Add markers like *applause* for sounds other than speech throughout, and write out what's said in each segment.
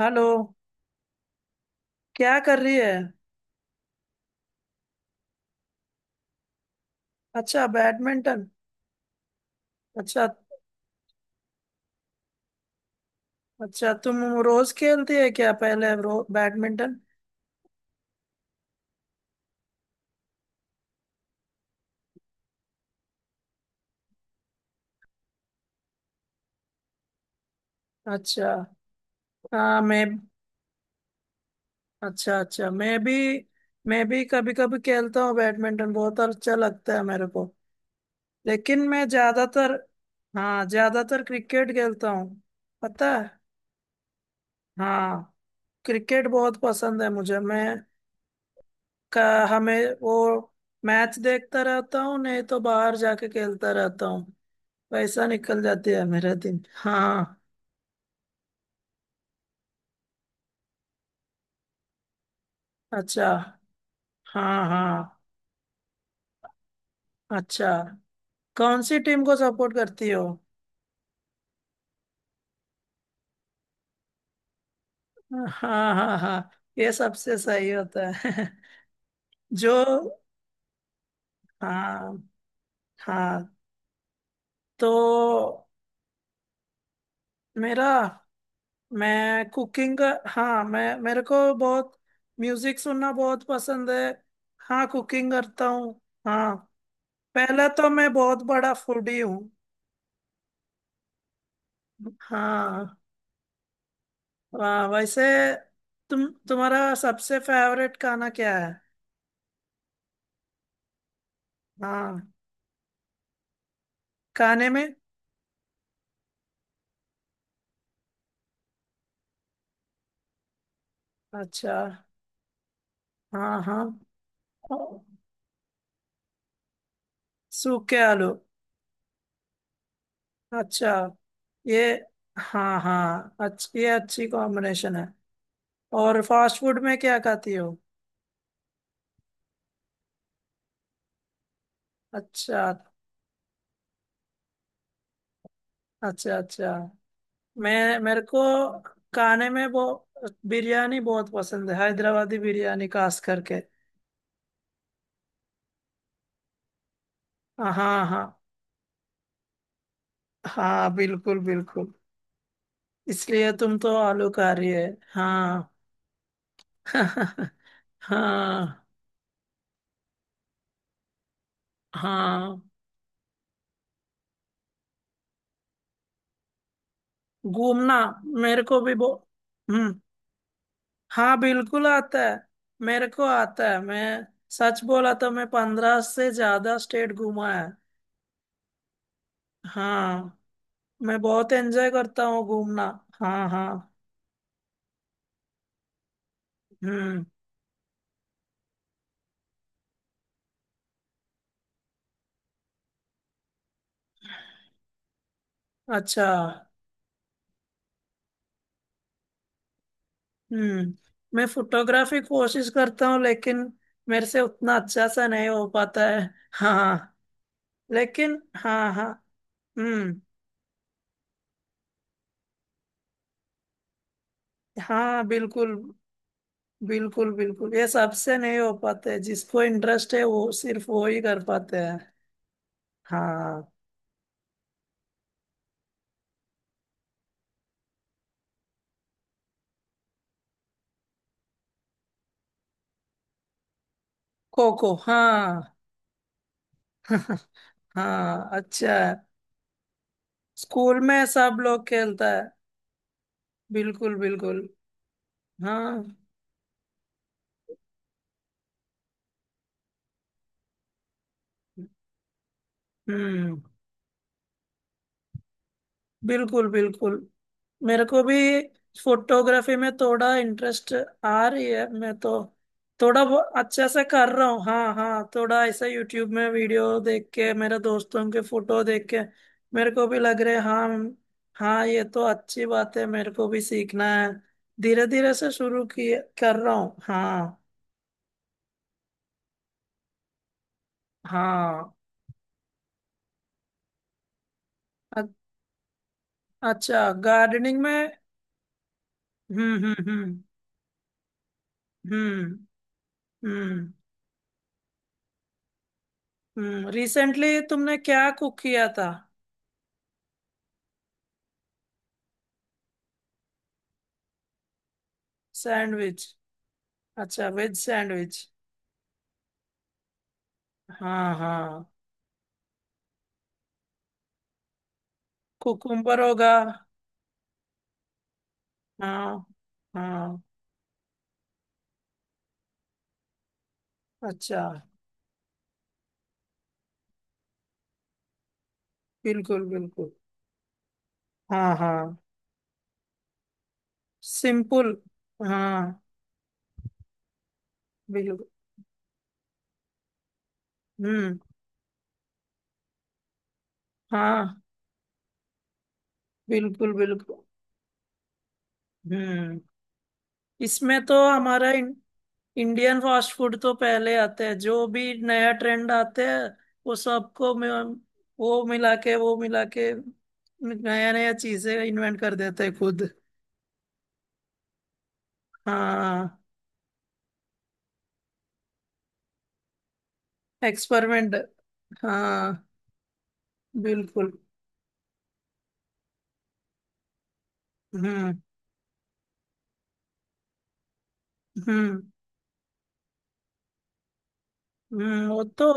Hello. क्या कर रही है। अच्छा, बैडमिंटन। अच्छा अच्छा, तुम रोज खेलती है क्या पहले रो बैडमिंटन? अच्छा। हाँ। मैं... अच्छा, अच्छा, मैं भी कभी कभी खेलता हूँ बैडमिंटन, बहुत अच्छा लगता है मेरे को। लेकिन मैं ज्यादातर, हाँ, ज्यादातर क्रिकेट खेलता हूँ, पता है। हाँ, क्रिकेट बहुत पसंद है मुझे। मैं का हमें वो मैच देखता रहता हूँ नहीं तो बाहर जाके खेलता रहता हूँ। पैसा निकल जाते हैं मेरा दिन। हाँ, अच्छा। हाँ, हाँ। अच्छा, कौन सी टीम को सपोर्ट करती हो? हाँ, हाँ, हाँ। ये सबसे सही होता है *laughs* जो हाँ, हाँ। तो मेरा मैं कुकिंग, हाँ। मैं मेरे को बहुत म्यूजिक सुनना बहुत पसंद है। हाँ, कुकिंग करता हूँ। हाँ, पहले तो मैं बहुत बड़ा फूडी हूँ। हाँ। वाह, वैसे तुम्हारा सबसे फेवरेट खाना क्या है? हाँ, खाने में। अच्छा, हाँ, हाँ, सूखे आलू। अच्छा, ये, हाँ, हाँ, अच्छा, ये अच्छी कॉम्बिनेशन है। और फास्ट फूड में क्या खाती हो? अच्छा, अच्छा। अच्छा मैं मेरे को खाने में वो बिरयानी बहुत पसंद है, हैदराबादी बिरयानी खास करके। हाँ, हाँ, हाँ, बिल्कुल, बिल्कुल। इसलिए तुम तो आलूकारी है। हाँ। *laughs* हाँ, हाँ। घूमना? मेरे को भी बो हम्म। हाँ, बिल्कुल आता है, मेरे को आता है। मैं सच बोला तो मैं 15 से ज्यादा स्टेट घूमा है। हाँ, मैं बहुत एंजॉय करता हूँ घूमना। हाँ, हाँ। हम्म, अच्छा। हम्म, मैं फोटोग्राफी कोशिश करता हूँ लेकिन मेरे से उतना अच्छा सा नहीं हो पाता है। हाँ, लेकिन, हाँ, हाँ। हम्म। हाँ, बिल्कुल। बिल्कुल, बिल्कुल, ये सबसे नहीं हो पाते हैं। जिसको इंटरेस्ट है वो सिर्फ वो ही कर पाते हैं। हाँ, खो खो, हाँ। *laughs* हाँ, अच्छा है। स्कूल में सब लोग खेलता है, बिल्कुल, बिल्कुल। हाँ। हम्म। बिल्कुल, बिल्कुल। मेरे को भी फोटोग्राफी में थोड़ा इंटरेस्ट आ रही है। मैं तो थोड़ा बहुत अच्छा से कर रहा हूँ, हाँ, हाँ। थोड़ा ऐसा यूट्यूब में वीडियो देख के, मेरे दोस्तों के फोटो देख के मेरे को भी लग रहे, हाँ। हाँ, ये तो अच्छी बात है, मेरे को भी सीखना है। धीरे धीरे से शुरू किए कर रहा हूँ, हाँ। हाँ। अ- अच्छा, गार्डनिंग में। हम्म, हम्म, हम्म। हम्म, हम्म, हम्म। रिसेंटली तुमने क्या कुक किया था? सैंडविच? अच्छा, वेज सैंडविच। हाँ, हाँ। कुकुम्बर होगा। हाँ, हाँ। अच्छा, बिल्कुल, बिल्कुल। हाँ, हाँ, सिंपल। हाँ, बिल्कुल। हम्म। हाँ, बिल्कुल, बिल्कुल। हम्म। इसमें तो हमारा इंडियन फास्ट फूड तो पहले आते हैं, जो भी नया ट्रेंड आते हैं वो वो मिला के नया नया चीजें इन्वेंट कर देते हैं खुद। हाँ, एक्सपेरिमेंट। हाँ, बिल्कुल। हम्म, हम्म, हम्म। वो तो,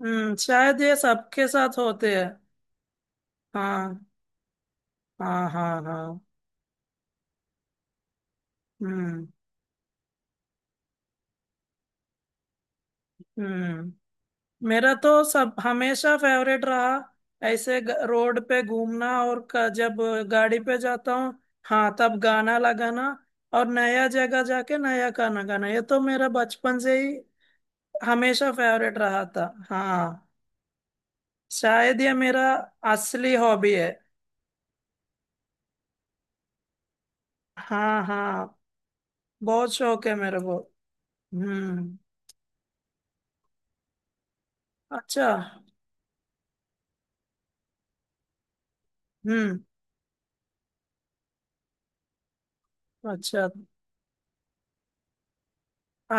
हम्म, शायद ये सबके साथ होते हैं। हाँ, हाँ, हाँ, हाँ। हम्म, हम्म। मेरा तो सब हमेशा फेवरेट रहा। ऐसे रोड पे घूमना और जब गाड़ी पे जाता हूँ, हाँ, तब गाना लगाना। और नया जगह जाके नया गाना गाना, ये तो मेरा बचपन से ही हमेशा फेवरेट रहा था, हाँ। शायद ये मेरा असली हॉबी है। हाँ, हाँ, बहुत शौक है मेरे को। हम्म। अच्छा। हम्म। अच्छा,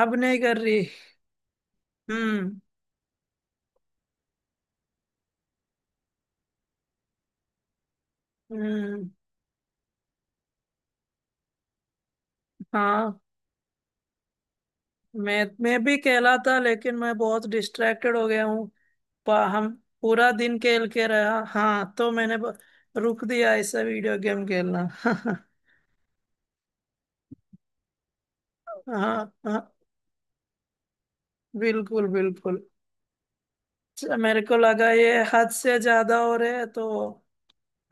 अब नहीं कर रही? हम्म, हम्म। हाँ, मैं भी खेला था, लेकिन मैं बहुत डिस्ट्रैक्टेड हो गया हूँ। पा- हम पूरा दिन खेल के रहा, हाँ, तो मैंने रुक दिया ऐसा वीडियो गेम खेलना। *laughs* हाँ, हाँ, बिल्कुल, बिल्कुल। अच्छा, मेरे को लगा ये हद से ज्यादा हो रहे है तो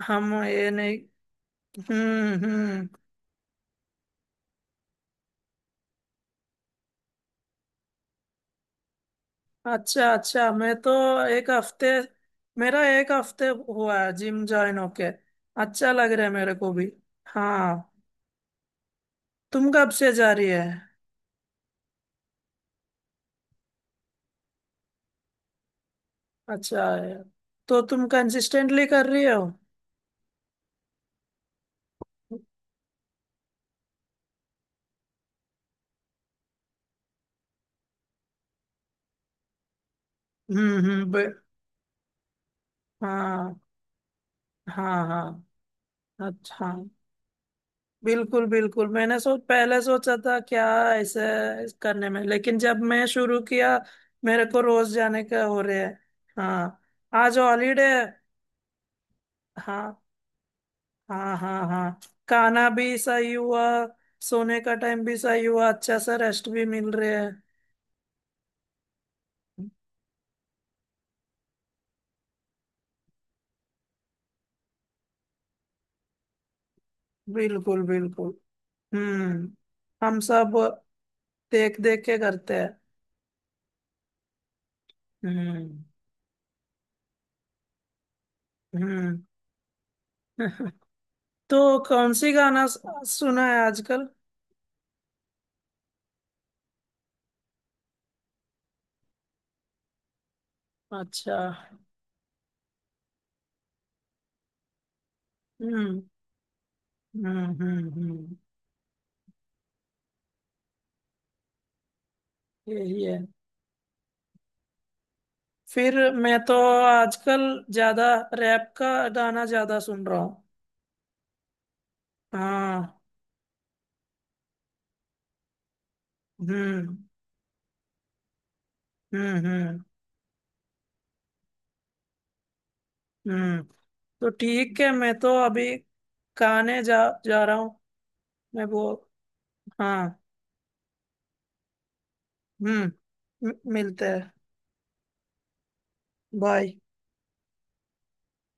हम ये नहीं। हम्म, हम्म। अच्छा, अच्छा। मैं तो एक हफ्ते मेरा एक हफ्ते हुआ है जिम ज्वाइन होके। अच्छा लग रहा है मेरे को भी। हाँ। तुम कब से जा रही है? अच्छा है। तो तुम कंसिस्टेंटली कर रही हो? हम्म, हम्म। हाँ, हाँ, हाँ। अच्छा, बिल्कुल, बिल्कुल। मैंने सोच पहले सोचा था क्या ऐसे करने में, लेकिन जब मैं शुरू किया मेरे को रोज जाने का हो रहा है। हाँ, आज हॉलीडे है। हाँ, हाँ, हाँ, हाँ। खाना भी सही हुआ, सोने का टाइम भी सही हुआ, अच्छा सा रेस्ट भी मिल रहा है। बिल्कुल, बिल्कुल। हम्म। हम सब देख देख के करते हैं। हम्म, हम्म। *laughs* तो कौन सी गाना सुना है आजकल? अच्छा। हम्म, हम्म, हम्म, हम्म। यही है। फिर मैं तो आजकल ज्यादा रैप का गाना ज्यादा सुन रहा हूँ। हाँ। हम्म, हम्म, हम्म, हम्म। तो ठीक है, मैं तो अभी खाने जा जा रहा हूँ मैं वो। हाँ। हम्म। मिलते हैं। बाय।